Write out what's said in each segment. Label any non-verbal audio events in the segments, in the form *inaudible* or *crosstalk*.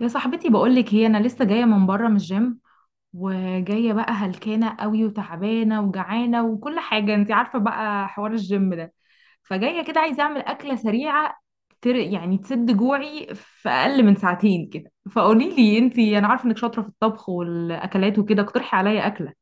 يا صاحبتي بقولك هي انا لسه جايه من بره من الجيم، وجايه بقى هلكانه قوي وتعبانه وجعانه وكل حاجه انت عارفه بقى حوار الجيم ده. فجايه كده عايزه اعمل اكله سريعه يعني تسد جوعي في اقل من ساعتين كده. فقولي لي انت، انا عارفه انك شاطره في الطبخ والاكلات وكده، اقترحي عليا اكله.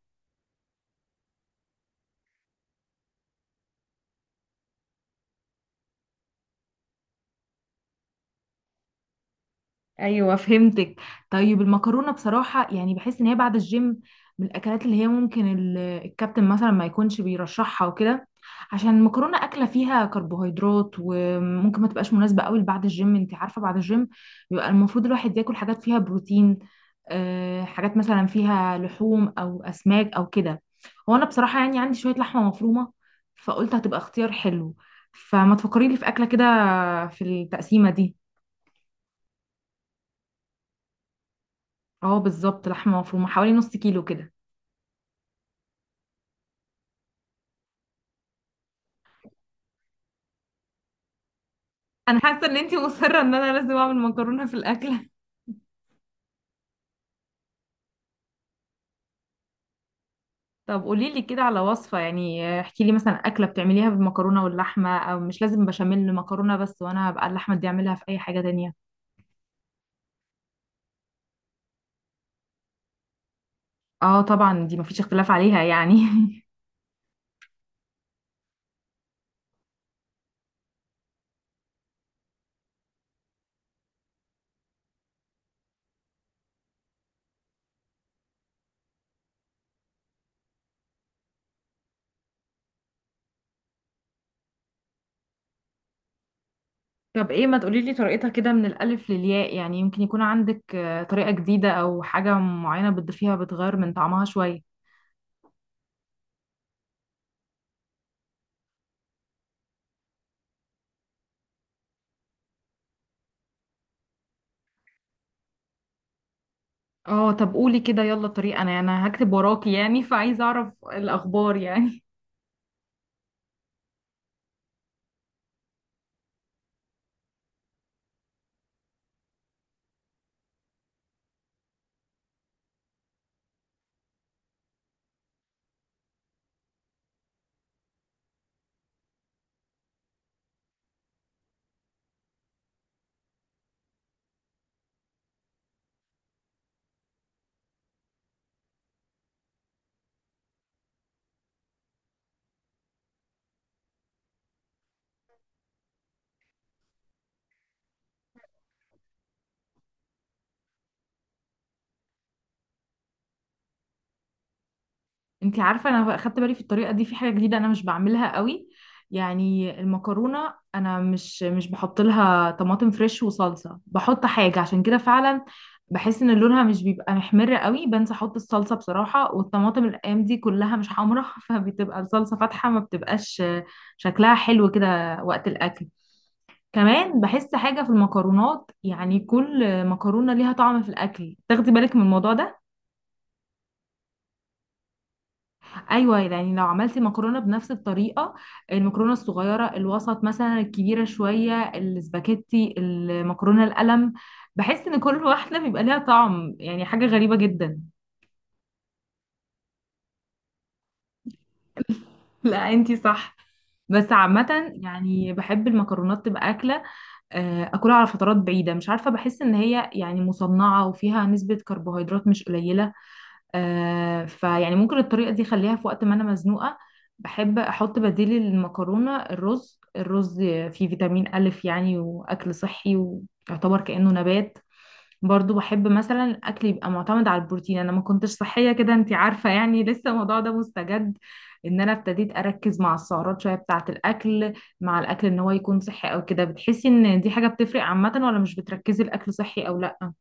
ايوه، فهمتك. طيب المكرونه بصراحه يعني بحس ان هي بعد الجيم من الاكلات اللي هي ممكن الكابتن مثلا ما يكونش بيرشحها وكده، عشان المكرونه اكله فيها كربوهيدرات وممكن ما تبقاش مناسبه قوي بعد الجيم. انت عارفه بعد الجيم بيبقى المفروض الواحد ياكل حاجات فيها بروتين. حاجات مثلا فيها لحوم او اسماك او كده. هو انا بصراحه يعني عندي شويه لحمه مفرومه، فقلت هتبقى اختيار حلو، فما تفكري لي في اكله كده في التقسيمه دي. اه بالظبط، لحمه مفرومه حوالي نص كيلو كده. انا حاسه ان انتي مصره ان انا لازم اعمل مكرونه في الاكله. *laughs* طب قولي لي كده على وصفه، يعني احكي لي مثلا اكله بتعمليها بالمكرونه واللحمه، او مش لازم بشاميل مكرونه بس، وانا هبقى اللحمه دي اعملها في اي حاجه تانية. اه طبعا دي مفيش اختلاف عليها يعني. *laughs* طب ايه، ما تقولي لي طريقتها كده من الالف للياء، يعني يمكن يكون عندك طريقه جديده او حاجه معينه بتضيفيها بتغير من طعمها شويه. اه طب قولي كده يلا الطريقه، انا هكتب وراكي يعني، فعايزه اعرف الاخبار يعني. انت عارفه انا اخدت بالي في الطريقه دي في حاجه جديده انا مش بعملها قوي. يعني المكرونه انا مش بحط لها طماطم فريش وصلصه، بحط حاجه. عشان كده فعلا بحس ان لونها مش بيبقى محمر قوي، بنسى احط الصلصه بصراحه، والطماطم الايام دي كلها مش حمراء. *laughs* فبتبقى الصلصه فاتحه ما بتبقاش شكلها حلو كده وقت الاكل. كمان بحس حاجه في المكرونات، يعني كل مكرونه ليها طعم في الاكل. تاخدي بالك من الموضوع ده؟ ايوه، يعني لو عملتي مكرونه بنفس الطريقه، المكرونه الصغيره، الوسط مثلا، الكبيره شويه، السباكيتي، المكرونه القلم، بحس ان كل *laughs* واحده بيبقى ليها طعم، يعني حاجه غريبه جدا. *laughs* لا انتي صح. بس عامه يعني بحب المكرونات تبقى اكله اكلها على فترات بعيده. مش عارفه، بحس ان هي يعني مصنعه وفيها نسبه كربوهيدرات مش قليله. آه، فيعني ممكن الطريقة دي خليها في وقت ما أنا مزنوقة. بحب أحط بديل المكرونة الرز. الرز فيه فيتامين ألف يعني، وأكل صحي، ويعتبر كأنه نبات. برضو بحب مثلا الأكل يبقى معتمد على البروتين. أنا ما كنتش صحية كده، أنتي عارفة يعني. *laughs* لسه الموضوع ده مستجد، إن أنا ابتديت أركز مع السعرات شوية بتاعة الأكل. مع الأكل إن هو يكون صحي أو كده، بتحسي إن دي حاجة بتفرق عامة، ولا مش بتركزي الأكل صحي أو لأ؟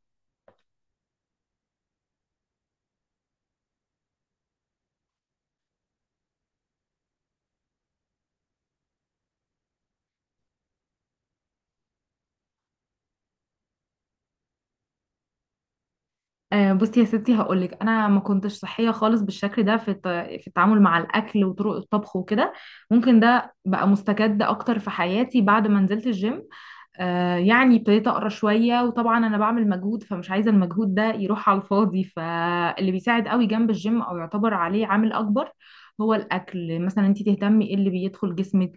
بصي يا ستي هقولك، انا ما كنتش صحيه خالص بالشكل ده في في التعامل مع الاكل وطرق الطبخ وكده. ممكن ده بقى مستجد اكتر في حياتي بعد ما نزلت الجيم. يعني ابتديت اقرا شويه، وطبعا انا بعمل مجهود فمش عايزه المجهود ده يروح على الفاضي. فاللي بيساعد قوي جنب الجيم او يعتبر عليه عامل اكبر هو الاكل. مثلا انت تهتمي ايه اللي بيدخل جسمك،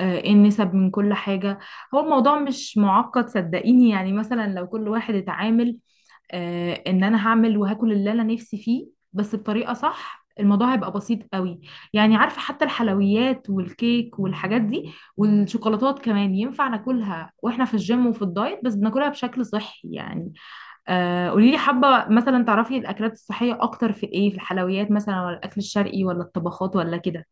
ايه النسب من كل حاجه. هو الموضوع مش معقد صدقيني، يعني مثلا لو كل واحد اتعامل ان انا هعمل وهاكل اللي انا نفسي فيه بس بطريقه صح، الموضوع هيبقى بسيط قوي. يعني عارفه حتى الحلويات والكيك والحاجات دي والشوكولاتات كمان ينفع ناكلها واحنا في الجيم وفي الدايت، بس بناكلها بشكل صحي يعني. آه، قولي لي حابه مثلا تعرفي الاكلات الصحيه اكتر في ايه؟ في الحلويات مثلا، ولا الاكل الشرقي، ولا الطبخات، ولا كده؟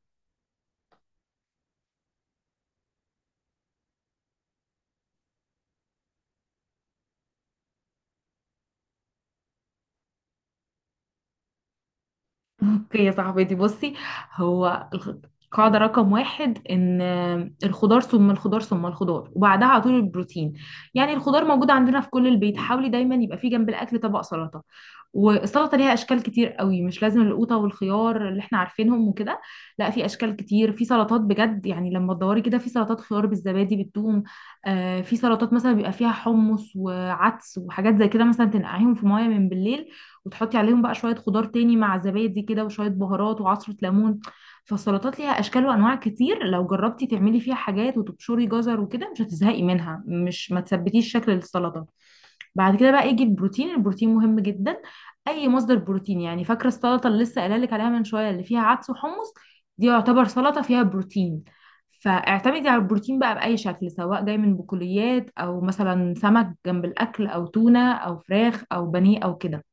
اوكي يا صاحبتي بصي. هو الخ- قاعدة رقم واحد ان الخضار ثم الخضار ثم الخضار، وبعدها على طول البروتين. يعني الخضار موجود عندنا في كل البيت، حاولي دايما يبقى في جنب الاكل طبق سلطة. والسلطة ليها اشكال كتير قوي، مش لازم القوطة والخيار اللي احنا عارفينهم وكده. لا، في اشكال كتير في سلطات بجد، يعني لما تدوري كده، في سلطات خيار بالزبادي بالثوم. آه، في سلطات مثلا بيبقى فيها حمص وعدس وحاجات زي كده، مثلا تنقعيهم في مية من بالليل، وتحطي عليهم بقى شوية خضار تاني مع زبادي كده وشوية بهارات وعصرة ليمون. فالسلطات ليها أشكال وأنواع كتير، لو جربتي تعملي فيها حاجات وتبشري جزر وكده مش هتزهقي منها. مش ما تثبتيش شكل السلطة. بعد كده بقى يجي البروتين. البروتين مهم جدا، أي مصدر بروتين يعني. فاكرة السلطة اللي لسه قايلة لك عليها من شوية، اللي فيها عدس وحمص؟ دي يعتبر سلطة فيها بروتين. فاعتمدي على البروتين بقى بأي شكل، سواء جاي من بقوليات، أو مثلا سمك جنب الأكل، أو تونة، أو فراخ، أو بانيه، أو كده.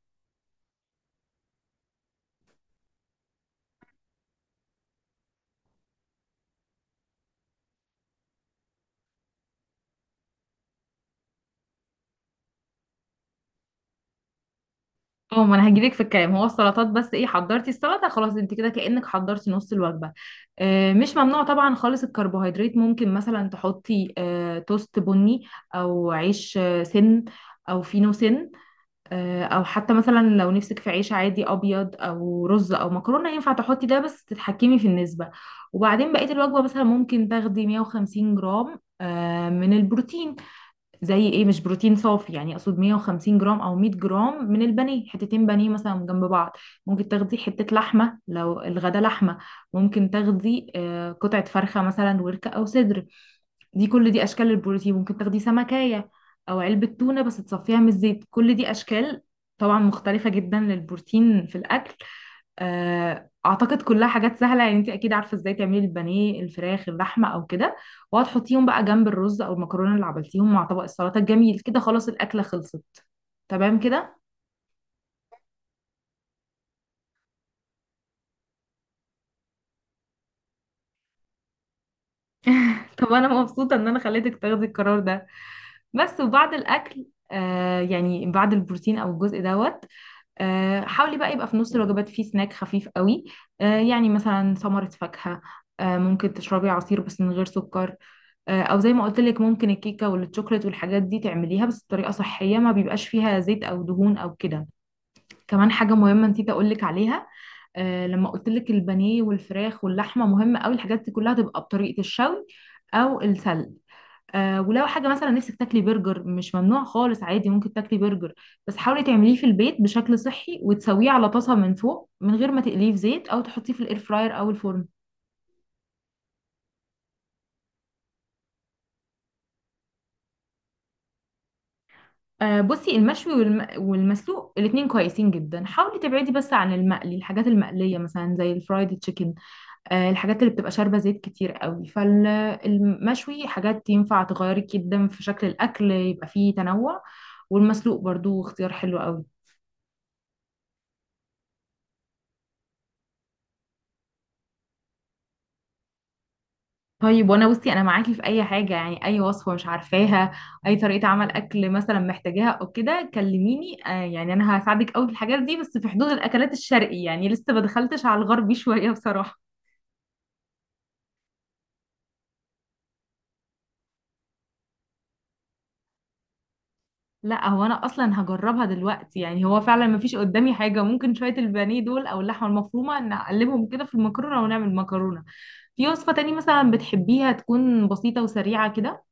اه ما انا هجيلك في الكلام. هو السلطات بس ايه؟ حضرتي السلطه خلاص انت كده كانك حضرتي نص الوجبه. آه، مش ممنوع طبعا خالص الكربوهيدرات، ممكن مثلا تحطي توست بني، او عيش سن، او فينو سن، او حتى مثلا لو نفسك في عيش عادي ابيض او رز او مكرونه، ينفع تحطي ده بس تتحكمي في النسبه. وبعدين بقيه الوجبه مثلا ممكن تاخدي 150 جرام من البروتين. زي ايه؟ مش بروتين صافي يعني، اقصد 150 جرام او 100 جرام من البانيه، حتتين بانيه مثلا جنب بعض. ممكن تاخدي حتة لحمة لو الغدا لحمة، ممكن تاخدي قطعة فرخة مثلا وركة او صدر. دي كل دي اشكال البروتين. ممكن تاخدي سمكية او علبة تونة بس تصفيها من الزيت، كل دي اشكال طبعا مختلفة جدا للبروتين في الاكل. اعتقد كلها حاجات سهله، يعني انت اكيد عارفه ازاي تعملي البانيه الفراخ اللحمه او كده، وهتحطيهم بقى جنب الرز او المكرونه اللي عملتيهم مع طبق السلطه الجميل كده. خلاص الاكله خلصت، تمام كده. *laughs* طب انا مبسوطه ان انا خليتك تاخدي القرار ده. بس وبعد الاكل، يعني بعد البروتين او الجزء دوت، حاولي بقى يبقى في نص الوجبات فيه سناك خفيف قوي. يعني مثلا ثمره فاكهه، ممكن تشربي عصير بس من غير سكر، او زي ما قلت لك ممكن الكيكه والشوكليت والحاجات دي تعمليها بس بطريقه صحيه ما بيبقاش فيها زيت او دهون او كده. كمان حاجه مهمه نسيت اقول لك عليها. لما قلت لك البانيه والفراخ واللحمه، مهمه قوي الحاجات دي كلها تبقى بطريقه الشوي او السلق. ولو حاجه مثلا نفسك تاكلي برجر، مش ممنوع خالص، عادي ممكن تاكلي برجر، بس حاولي تعمليه في البيت بشكل صحي، وتسويه على طاسه من فوق من غير ما تقليه في زيت، او تحطيه في الاير فراير او الفرن. بصي المشوي والمسلوق الاتنين كويسين جدا. حاولي تبعدي بس عن المقلي، الحاجات المقلية مثلا زي الفرايد تشيكن، الحاجات اللي بتبقى شاربة زيت كتير قوي. فالمشوي حاجات ينفع تغيري جدا في شكل الأكل يبقى فيه تنوع، والمسلوق برضو اختيار حلو قوي. طيب وانا بصي انا معاكي في اي حاجة يعني، اي وصفة مش عارفاها، اي طريقة عمل اكل مثلا محتاجاها او كده، كلميني. يعني انا هساعدك قوي في الحاجات دي، بس في حدود الاكلات الشرقي يعني، لسه ما دخلتش على الغربي *laughs* شوية بصراحة. لا هو انا اصلا هجربها دلوقتي يعني. هو فعلا ما فيش قدامي حاجه، ممكن شويه البانيه دول او اللحمه المفرومه نقلبهم كده في المكرونه ونعمل مكرونه. في وصفه تاني مثلا بتحبيها تكون بسيطه وسريعه كده؟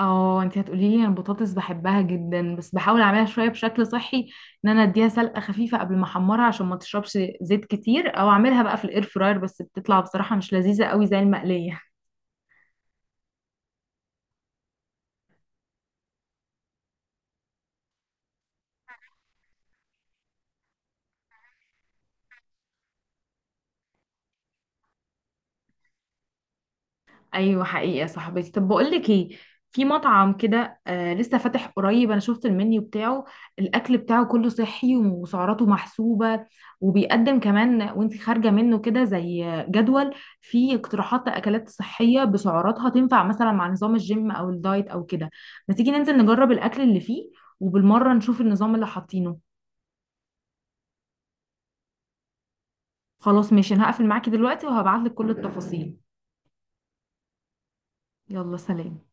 اه انت هتقولي لي، انا البطاطس بحبها جدا بس بحاول اعملها شويه بشكل صحي، ان انا اديها سلقه خفيفه قبل ما احمرها عشان ما تشربش زيت كتير، او اعملها بقى في الاير فراير بس بتطلع بصراحه مش لذيذه قوي زي المقليه. ايوه حقيقه صاحبتي. طب بقول لك ايه، في مطعم كده آه لسه فاتح قريب، انا شفت المنيو بتاعه، الاكل بتاعه كله صحي وسعراته محسوبه. وبيقدم كمان وانت خارجه منه كده زي جدول فيه اقتراحات اكلات صحيه بسعراتها تنفع مثلا مع نظام الجيم او الدايت او كده. ما تيجي ننزل نجرب الاكل اللي فيه، وبالمره نشوف النظام اللي حاطينه. خلاص ماشي، انا هقفل معاكي دلوقتي وهبعت لك كل التفاصيل. يلا سلام.